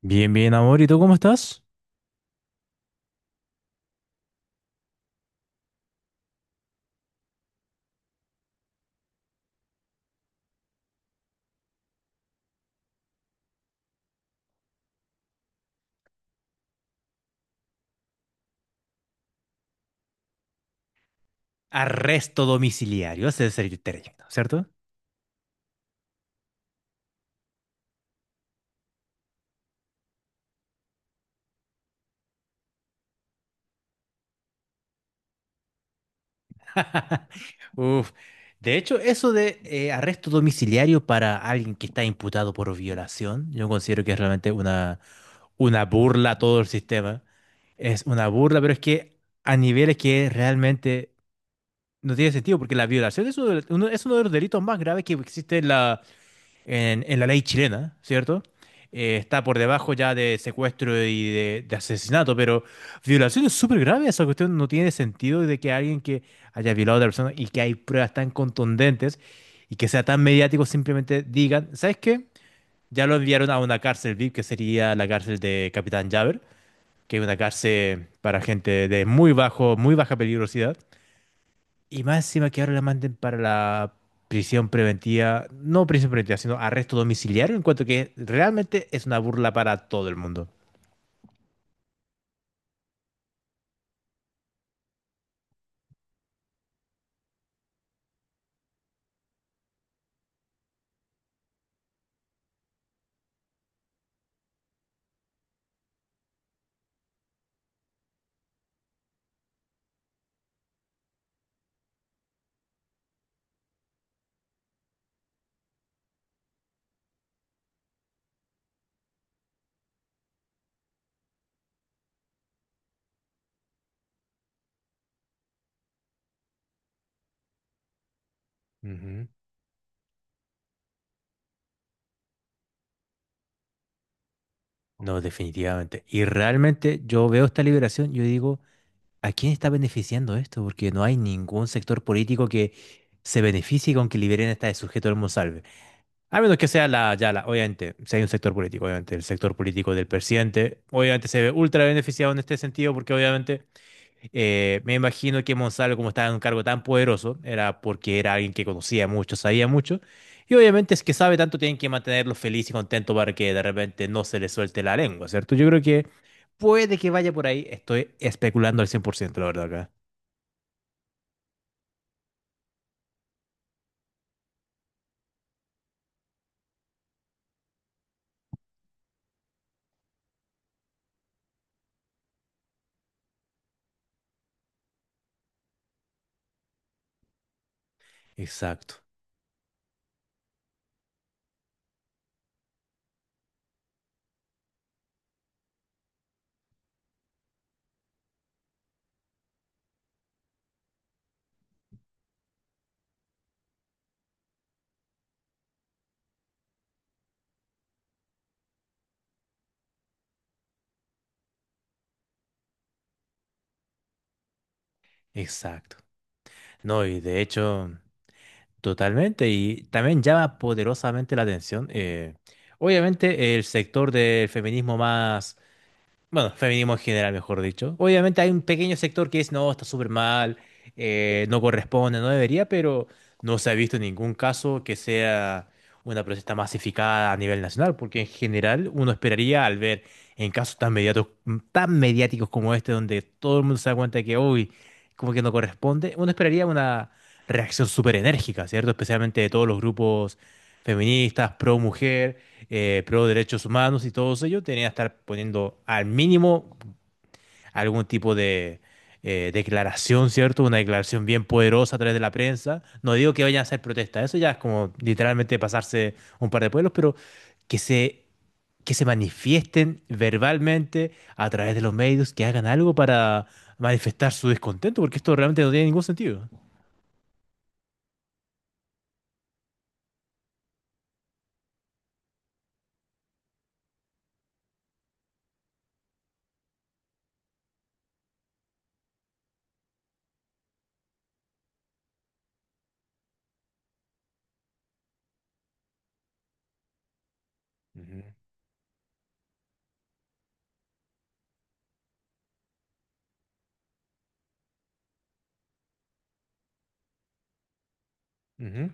Bien, bien, amor. ¿Y tú cómo estás? Arresto domiciliario, ese es el término, ¿cierto? Uf. De hecho, eso de arresto domiciliario para alguien que está imputado por violación, yo considero que es realmente una burla a todo el sistema. Es una burla, pero es que a niveles que realmente no tiene sentido, porque la violación es uno de, es uno de los delitos más graves que existe en la ley chilena, ¿cierto? Está por debajo ya de secuestro y de asesinato, pero violación es súper grave. Esa cuestión no tiene sentido de que alguien que haya violado a otra persona y que hay pruebas tan contundentes y que sea tan mediático simplemente digan, ¿sabes qué? Ya lo enviaron a una cárcel VIP que sería la cárcel de Capitán Javer, que es una cárcel para gente de muy bajo, muy baja peligrosidad. Y más encima que ahora la manden para la prisión preventiva, no prisión preventiva, sino arresto domiciliario, en cuanto que realmente es una burla para todo el mundo. Ujú. No, definitivamente. Y realmente yo veo esta liberación, yo digo, ¿a quién está beneficiando esto? Porque no hay ningún sector político que se beneficie con que liberen a este sujeto del Monsalve. A menos que sea la, ya la, obviamente, si hay un sector político, obviamente, el sector político del presidente, obviamente se ve ultra beneficiado en este sentido, porque obviamente. Me imagino que Monsalvo, como estaba en un cargo tan poderoso, era porque era alguien que conocía mucho, sabía mucho. Y obviamente es que sabe tanto, tienen que mantenerlo feliz y contento para que de repente no se le suelte la lengua, ¿cierto? Yo creo que puede que vaya por ahí. Estoy especulando al cien por ciento la verdad, acá. Exacto, exacto. No, y de hecho, totalmente. Y también llama poderosamente la atención. Obviamente, el sector del feminismo más. Bueno, feminismo en general, mejor dicho. Obviamente hay un pequeño sector que es, no, está súper mal, no corresponde, no debería, pero no se ha visto ningún caso que sea una protesta masificada a nivel nacional, porque en general uno esperaría al ver en casos tan mediáticos como este, donde todo el mundo se da cuenta de que, uy, como que no corresponde, uno esperaría una reacción súper enérgica, ¿cierto? Especialmente de todos los grupos feministas, pro mujer, pro derechos humanos y todos ellos, tenían que estar poniendo al mínimo algún tipo de declaración, ¿cierto? Una declaración bien poderosa a través de la prensa. No digo que vayan a hacer protesta, eso ya es como literalmente pasarse un par de pueblos, pero que se, que se manifiesten verbalmente a través de los medios, que hagan algo para manifestar su descontento, porque esto realmente no tiene ningún sentido. Ujú, ujú,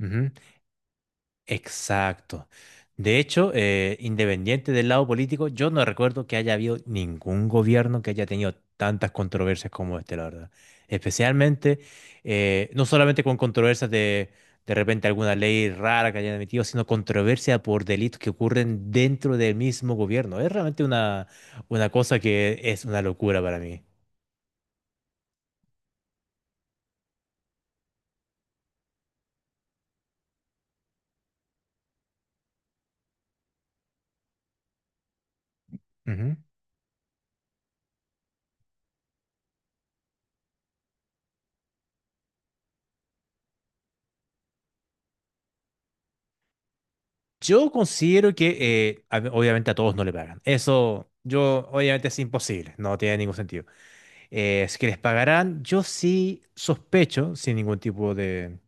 ujú. Exacto. De hecho, independiente del lado político, yo no recuerdo que haya habido ningún gobierno que haya tenido tantas controversias como este, la verdad. Especialmente, no solamente con controversias de repente alguna ley rara que hayan emitido, sino controversia por delitos que ocurren dentro del mismo gobierno. Es realmente una cosa que es una locura para mí. Yo considero que obviamente a todos no le pagan. Eso, yo, obviamente es imposible, no tiene ningún sentido. Si que les pagarán, yo sí sospecho, sin ningún tipo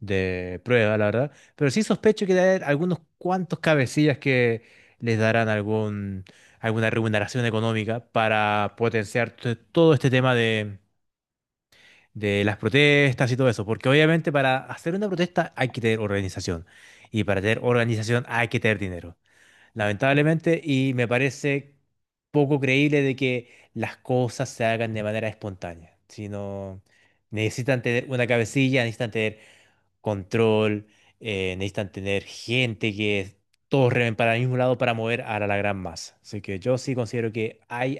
de prueba, la verdad, pero sí sospecho que debe haber algunos cuantos cabecillas que les darán algún, alguna remuneración económica para potenciar todo este tema de las protestas y todo eso, porque obviamente para hacer una protesta hay que tener organización y para tener organización hay que tener dinero lamentablemente, y me parece poco creíble de que las cosas se hagan de manera espontánea, sino necesitan tener una cabecilla, necesitan tener control, necesitan tener gente que todos remen para el mismo lado para mover a la, la gran masa. Así que yo sí considero que hay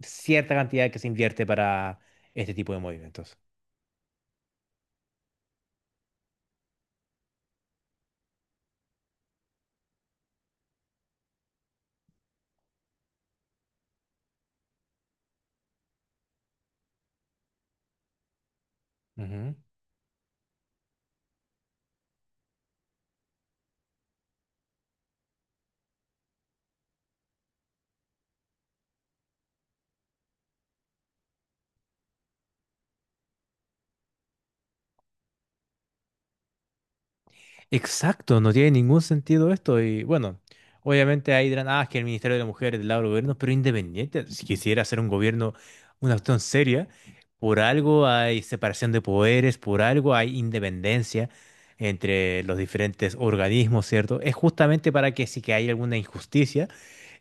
cierta cantidad que se invierte para este tipo de movimientos. Exacto, no tiene ningún sentido esto. Y bueno, obviamente ahí dirán, ah, es que el Ministerio de la Mujer es del lado del gobierno, pero independiente, si quisiera hacer un gobierno, una acción seria, por algo hay separación de poderes, por algo hay independencia entre los diferentes organismos, ¿cierto? Es justamente para que si que hay alguna injusticia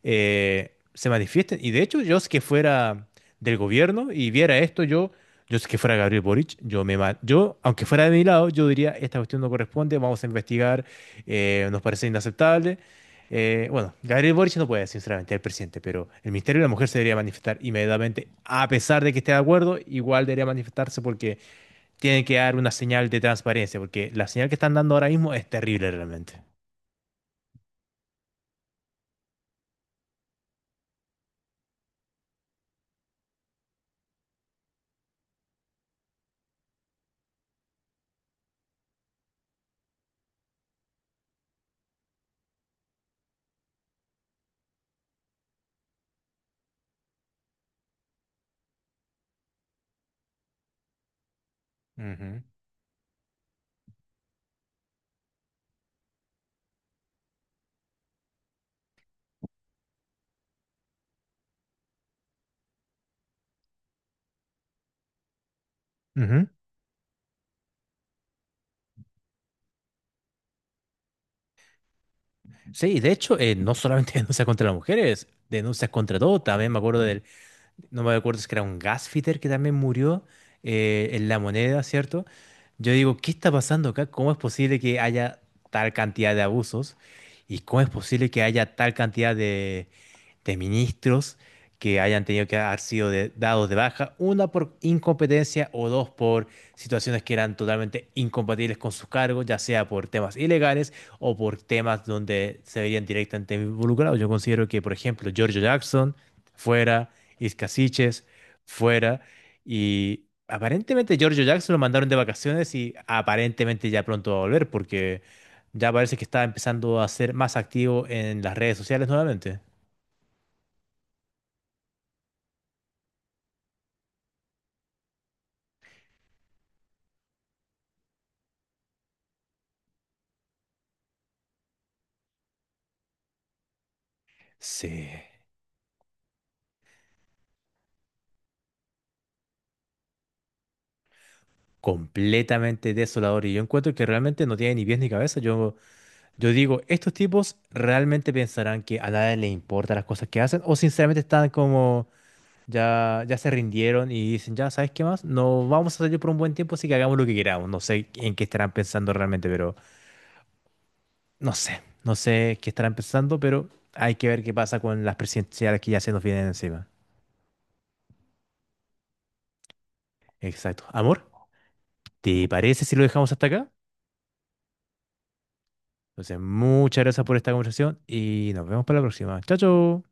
se manifiesten. Y de hecho, yo si que fuera del gobierno y viera esto, yo si que fuera Gabriel Boric, yo, aunque fuera de mi lado, yo diría, esta cuestión no corresponde, vamos a investigar, nos parece inaceptable. Bueno, Gabriel Boric no puede, sinceramente, el presidente, pero el Ministerio de la Mujer se debería manifestar inmediatamente, a pesar de que esté de acuerdo, igual debería manifestarse porque tienen que dar una señal de transparencia, porque la señal que están dando ahora mismo es terrible realmente. Ujú. Ujú. Sí, de hecho, no solamente denuncias contra las mujeres, denuncias contra todo. También me acuerdo del, no me acuerdo si era un gasfitter que también murió en La Moneda, ¿cierto? Yo digo, ¿qué está pasando acá? ¿Cómo es posible que haya tal cantidad de abusos? ¿Y cómo es posible que haya tal cantidad de ministros que hayan tenido que haber sido dados de baja, una por incompetencia o dos por situaciones que eran totalmente incompatibles con sus cargos, ya sea por temas ilegales o por temas donde se verían directamente involucrados? Yo considero que, por ejemplo, Giorgio Jackson fuera, Iscasiches fuera, y aparentemente Giorgio Jackson lo mandaron de vacaciones y aparentemente ya pronto va a volver porque ya parece que está empezando a ser más activo en las redes sociales nuevamente. Sí, completamente desolador. Y yo encuentro que realmente no tiene ni pies ni cabeza. Yo digo, estos tipos realmente pensarán que a nadie les importa las cosas que hacen, o sinceramente están como ya, ya se rindieron y dicen, ya, ¿sabes qué más? No vamos a salir por un buen tiempo, así que hagamos lo que queramos. No sé en qué estarán pensando realmente, pero no sé, no sé qué estarán pensando, pero hay que ver qué pasa con las presidenciales que ya se nos vienen encima. Exacto. Amor, ¿te parece si lo dejamos hasta acá? Entonces, muchas gracias por esta conversación y nos vemos para la próxima. Chao, chao.